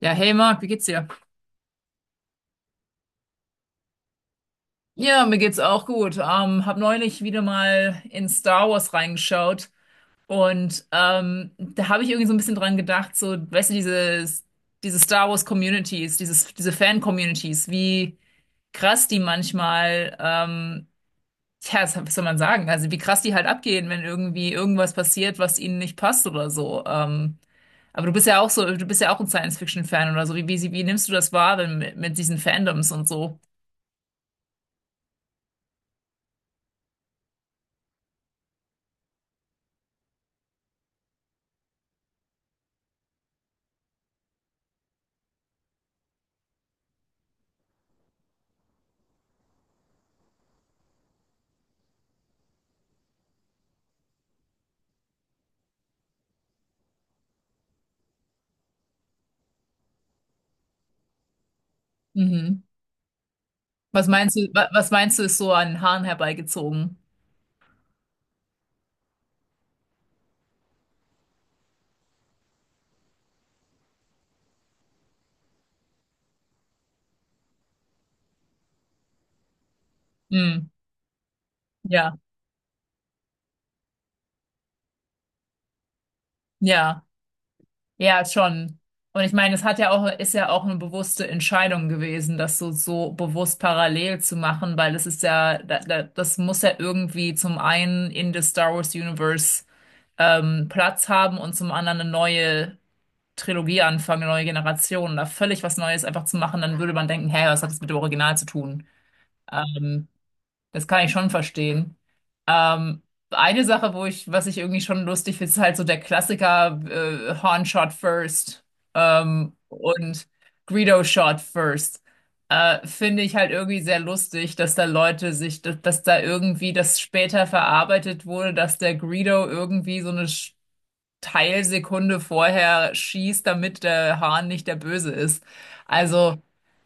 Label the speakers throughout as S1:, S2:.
S1: Ja, hey Marc, wie geht's dir? Ja, mir geht's auch gut. Hab neulich wieder mal in Star Wars reingeschaut und da habe ich irgendwie so ein bisschen dran gedacht, so, weißt du, diese Star Wars Communities, diese Fan-Communities, wie krass die manchmal, ja, was soll man sagen, also wie krass die halt abgehen, wenn irgendwie irgendwas passiert, was ihnen nicht passt oder so. Aber du bist ja auch so, du bist ja auch ein Science-Fiction-Fan oder so. Wie nimmst du das wahr, wenn, mit diesen Fandoms und so? Mhm. Was meinst du, was meinst du, ist so an den Haaren herbeigezogen? Mhm. Ja, ja, ja, schon. Und ich meine, es hat ja auch, ist ja auch eine bewusste Entscheidung gewesen, das so, so bewusst parallel zu machen, weil das ist ja, das muss ja irgendwie zum einen in das Star Wars Universe Platz haben und zum anderen eine neue Trilogie anfangen, eine neue Generation, da völlig was Neues einfach zu machen, dann würde man denken, hey, was hat das mit dem Original zu tun? Ähm, Das kann ich schon verstehen. Ähm, eine Sache, was ich irgendwie schon lustig finde, ist halt so der Klassiker Horn Shot First und Greedo Shot First. Finde ich halt irgendwie sehr lustig, dass da irgendwie das später verarbeitet wurde, dass der Greedo irgendwie so eine, Teilsekunde vorher schießt, damit der Hahn nicht der Böse ist. Also,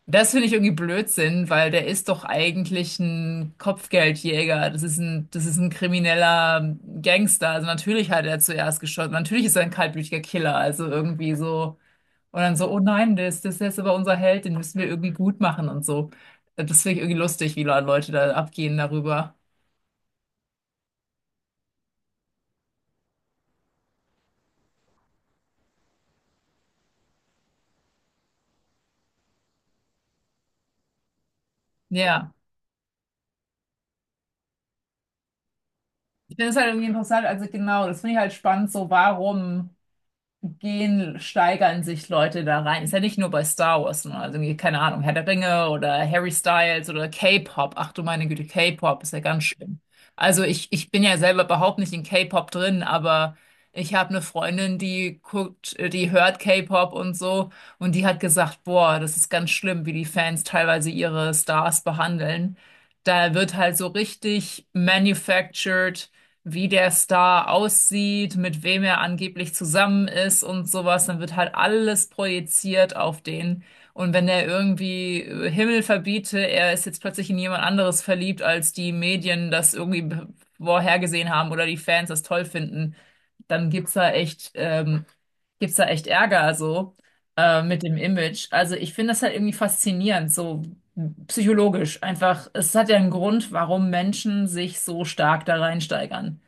S1: das finde ich irgendwie Blödsinn, weil der ist doch eigentlich ein Kopfgeldjäger. Das ist ein krimineller Gangster. Also natürlich hat er zuerst geschossen. Natürlich ist er ein kaltblütiger Killer. Also irgendwie so. Und dann so, oh nein, das ist jetzt aber unser Held, den müssen wir irgendwie gut machen und so. Das finde ich irgendwie lustig, wie Leute da abgehen darüber. Ja, ich finde es halt irgendwie interessant, also genau, das finde ich halt spannend, so warum gehen, steigern sich Leute da rein. Ist ja nicht nur bei Star Wars, ne? Also irgendwie, keine Ahnung, Herr der Ringe oder Harry Styles oder K-Pop. Ach du meine Güte, K-Pop ist ja ganz schlimm. Ich bin ja selber überhaupt nicht in K-Pop drin, aber ich habe eine Freundin, die hört K-Pop und so und die hat gesagt, boah, das ist ganz schlimm, wie die Fans teilweise ihre Stars behandeln. Da wird halt so richtig manufactured wie der Star aussieht, mit wem er angeblich zusammen ist und sowas, dann wird halt alles projiziert auf den. Und wenn er irgendwie Himmel verbiete, er ist jetzt plötzlich in jemand anderes verliebt, als die Medien das irgendwie vorhergesehen haben oder die Fans das toll finden, dann gibt's da echt Ärger so mit dem Image. Also ich finde das halt irgendwie faszinierend, so psychologisch einfach. Es hat ja einen Grund, warum Menschen sich so stark da reinsteigern,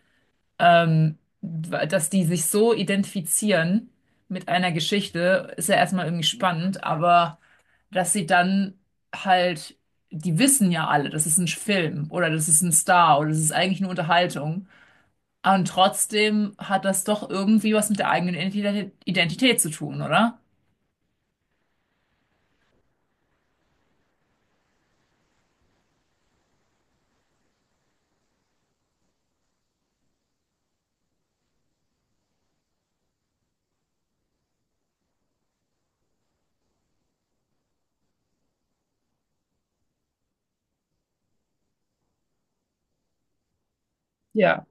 S1: ähm, dass die sich so identifizieren mit einer Geschichte, ist ja erstmal irgendwie spannend, aber dass sie dann halt, die wissen ja alle, das ist ein Film oder das ist ein Star oder das ist eigentlich eine Unterhaltung. Und trotzdem hat das doch irgendwie was mit der eigenen Identität zu tun, oder? Ja.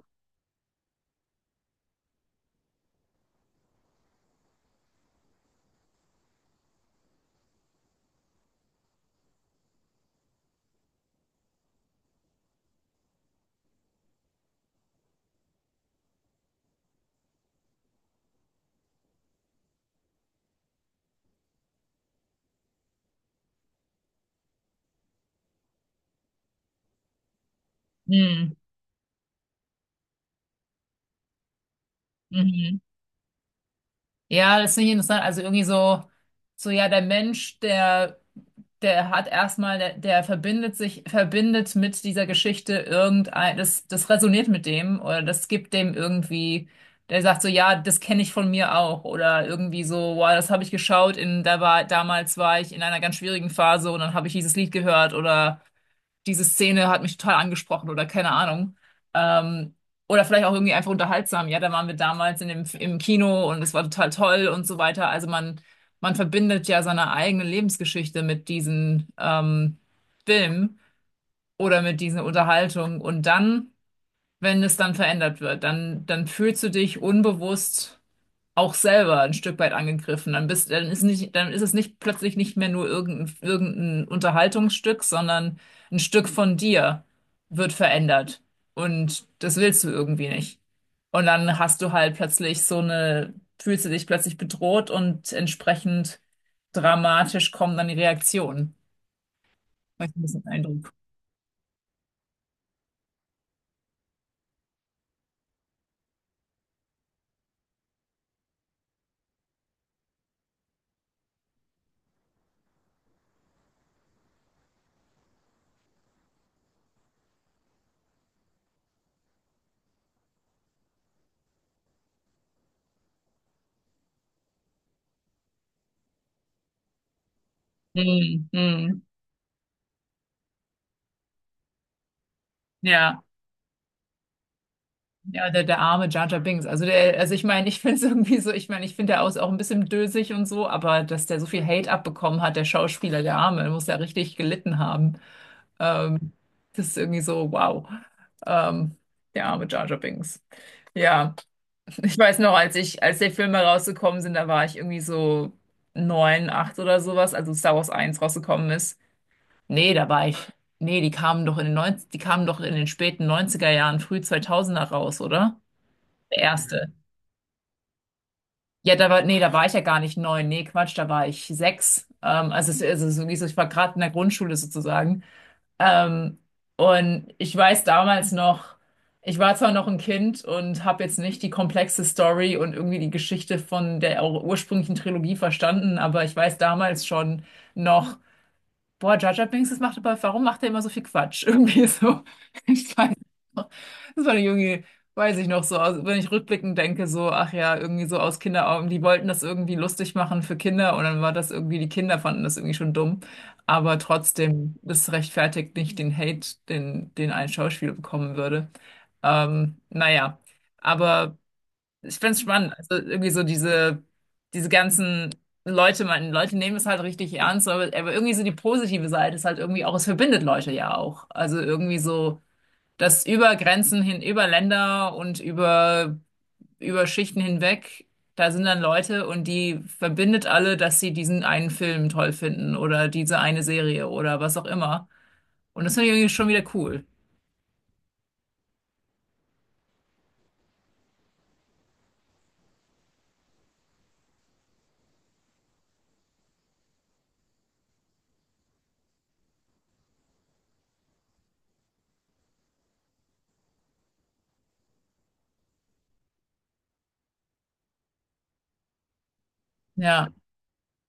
S1: Hm, mhm. Ja, das finde ich interessant. Also irgendwie so, so ja, der hat erstmal, der verbindet sich, verbindet mit dieser Geschichte irgendein, das resoniert mit dem oder das gibt dem irgendwie, der sagt so, ja, das kenne ich von mir auch oder irgendwie so, wow, das habe ich geschaut in, damals war ich in einer ganz schwierigen Phase und dann habe ich dieses Lied gehört oder diese Szene hat mich total angesprochen oder keine Ahnung. Ähm, oder vielleicht auch irgendwie einfach unterhaltsam. Ja, da waren wir damals in im Kino und es war total toll und so weiter. Man verbindet ja seine eigene Lebensgeschichte mit diesen Filmen oder mit dieser Unterhaltung. Und dann, wenn es dann verändert wird, dann fühlst du dich unbewusst auch selber ein Stück weit angegriffen. Dann ist es nicht plötzlich nicht mehr nur irgendein Unterhaltungsstück, sondern ein Stück von dir wird verändert. Und das willst du irgendwie nicht. Und dann hast du halt plötzlich so eine, fühlst du dich plötzlich bedroht und entsprechend dramatisch kommen dann die Reaktionen. Habe ich ein bisschen Eindruck. Hm, hm, ja. Ja, der arme Jar Jar Binks. Also, der, also ich meine, ich finde es irgendwie so, ich meine, ich finde der aus auch ein bisschen dösig und so, aber dass der so viel Hate abbekommen hat, der Schauspieler, der Arme, der muss ja richtig gelitten haben. Ähm, Das ist irgendwie so, wow. Ähm, Der arme Jar Jar Binks. Ja, ich weiß noch, als die Filme rausgekommen sind, da war ich irgendwie so neun, acht oder sowas, also Star Wars eins rausgekommen ist. Nee, da war ich. Nee, die kamen doch in den 90, die kamen doch in den späten neunziger Jahren, früh zweitausender raus, oder? Der erste. Ja, nee, da war ich ja gar nicht neun. Nee, Quatsch, da war ich sechs. Also es ist irgendwie so, ich war gerade in der Grundschule sozusagen. Ähm, und ich weiß damals noch, ich war zwar noch ein Kind und habe jetzt nicht die komplexe Story und irgendwie die Geschichte von der ursprünglichen Trilogie verstanden, aber ich weiß damals schon noch, boah, Jar Jar Binks, das macht aber, warum macht er immer so viel Quatsch? Irgendwie so. Ich weiß noch. Das war der Junge, weiß ich noch so, wenn ich rückblickend denke, so, ach ja, irgendwie so aus Kinderaugen, die wollten das irgendwie lustig machen für Kinder und dann war das irgendwie, die Kinder fanden das irgendwie schon dumm. Aber trotzdem, das rechtfertigt nicht den Hate, den ein Schauspieler bekommen würde. Naja. Aber ich finde es spannend. Also irgendwie so diese, diese ganzen Leute, man, Leute nehmen es halt richtig ernst, aber irgendwie so die positive Seite ist halt irgendwie auch, es verbindet Leute ja auch. Also irgendwie so, dass über Grenzen hin, über Länder und über, über Schichten hinweg, da sind dann Leute und die verbindet alle, dass sie diesen einen Film toll finden oder diese eine Serie oder was auch immer. Und das finde ich irgendwie schon wieder cool. Ja.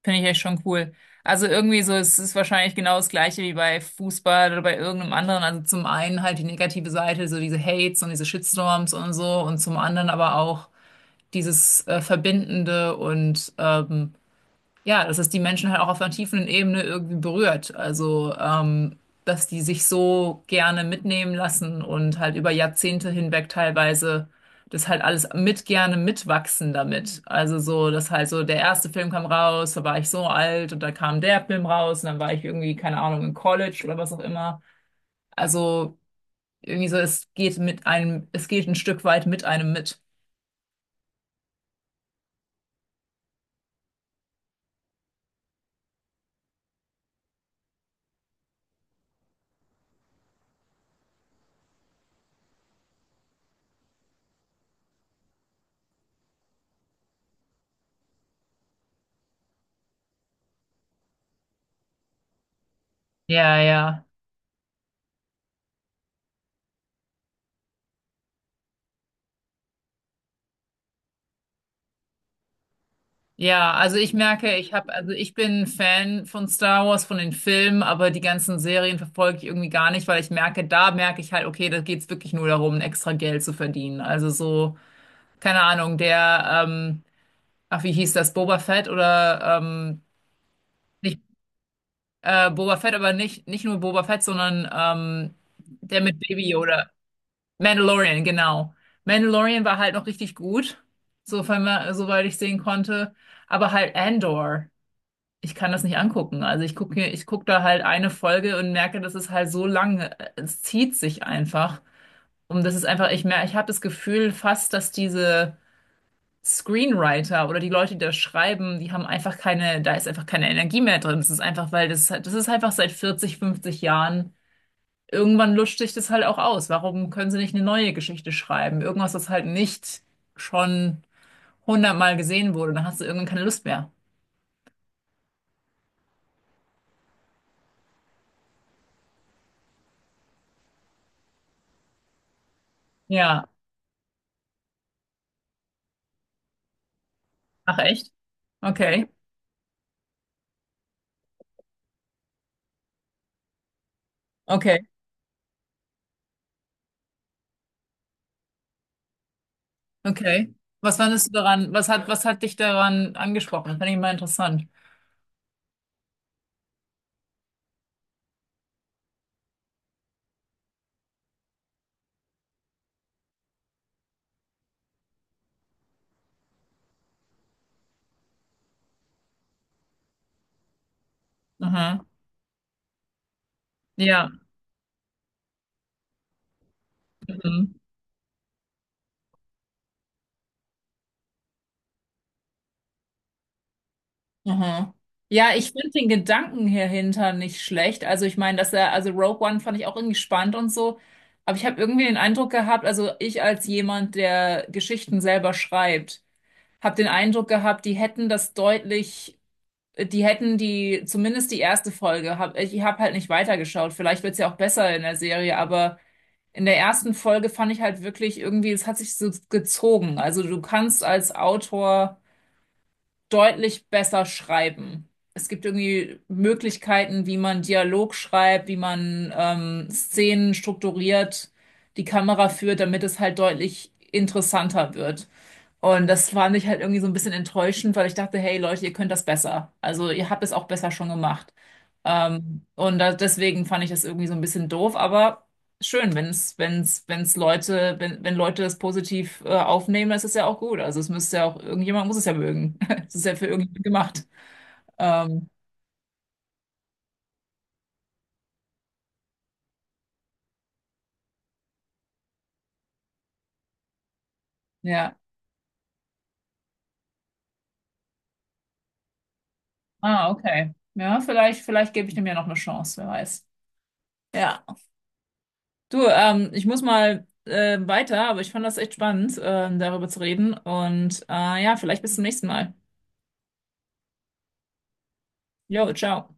S1: Finde ich echt schon cool. Also irgendwie so, es ist wahrscheinlich genau das Gleiche wie bei Fußball oder bei irgendeinem anderen. Also zum einen halt die negative Seite, so diese Hates und diese Shitstorms und so und zum anderen aber auch dieses Verbindende und ja, dass es die Menschen halt auch auf einer tiefen Ebene irgendwie berührt. Also, dass die sich so gerne mitnehmen lassen und halt über Jahrzehnte hinweg teilweise das halt alles mit gerne mitwachsen damit. Also so, dass halt so der erste Film kam raus, da war ich so alt und dann kam der Film raus und dann war ich irgendwie, keine Ahnung, im College oder was auch immer. Also irgendwie so, es geht mit einem, es geht ein Stück weit mit einem mit. Ja, ja. Ja, also ich merke, ich habe, also ich bin Fan von Star Wars, von den Filmen, aber die ganzen Serien verfolge ich irgendwie gar nicht, weil ich merke, da merke ich halt, okay, da geht's wirklich nur darum, extra Geld zu verdienen. Also so, keine Ahnung, ach, wie hieß das, Boba Fett oder nicht Boba Fett, aber nicht, nicht nur Boba Fett, sondern der mit Baby Yoda. Mandalorian, genau. Mandalorian war halt noch richtig gut, sofern man, soweit ich sehen konnte. Aber halt Andor. Ich kann das nicht angucken. Ich guck da halt eine Folge und merke, das ist halt so lang, es zieht sich einfach. Und das ist einfach, ich merke, ich habe das Gefühl fast, dass diese Screenwriter oder die Leute, die das schreiben, die haben einfach keine, da ist einfach keine Energie mehr drin. Das ist einfach, weil das, das ist einfach seit 40, 50 Jahren. Irgendwann lutscht sich das halt auch aus. Warum können sie nicht eine neue Geschichte schreiben? Irgendwas, das halt nicht schon hundertmal gesehen wurde. Dann hast du irgendwann keine Lust mehr. Ja. Ach echt? Okay. Okay. Okay. Was fandest du daran? Was hat dich daran angesprochen? Das fand ich immer interessant. Aha. Ja. Mhm. Aha. Ja, ich finde den Gedanken hier hinter nicht schlecht. Also ich meine, dass er, also Rogue One fand ich auch irgendwie spannend und so. Aber ich habe irgendwie den Eindruck gehabt, also ich als jemand, der Geschichten selber schreibt, habe den Eindruck gehabt, die hätten das deutlich, die hätten die, zumindest die erste Folge, hab, ich habe halt nicht weitergeschaut. Vielleicht wird's ja auch besser in der Serie, aber in der ersten Folge fand ich halt wirklich irgendwie, es hat sich so gezogen. Also du kannst als Autor deutlich besser schreiben. Es gibt irgendwie Möglichkeiten, wie man Dialog schreibt, wie man Szenen strukturiert, die Kamera führt, damit es halt deutlich interessanter wird. Und das fand ich halt irgendwie so ein bisschen enttäuschend, weil ich dachte, hey Leute, ihr könnt das besser. Also ihr habt es auch besser schon gemacht. Deswegen fand ich das irgendwie so ein bisschen doof, aber schön, wenn's Leute, wenn Leute das positiv, aufnehmen, das ist ja auch gut. Also es müsste ja auch, irgendjemand muss es ja mögen. Es ist ja für irgendjemand gemacht. Ähm, ja. Ah, okay. Ja, vielleicht gebe ich dem ja noch eine Chance, wer weiß. Ja. Du, ich muss mal weiter, aber ich fand das echt spannend, darüber zu reden. Und ja, vielleicht bis zum nächsten Mal. Jo, ciao.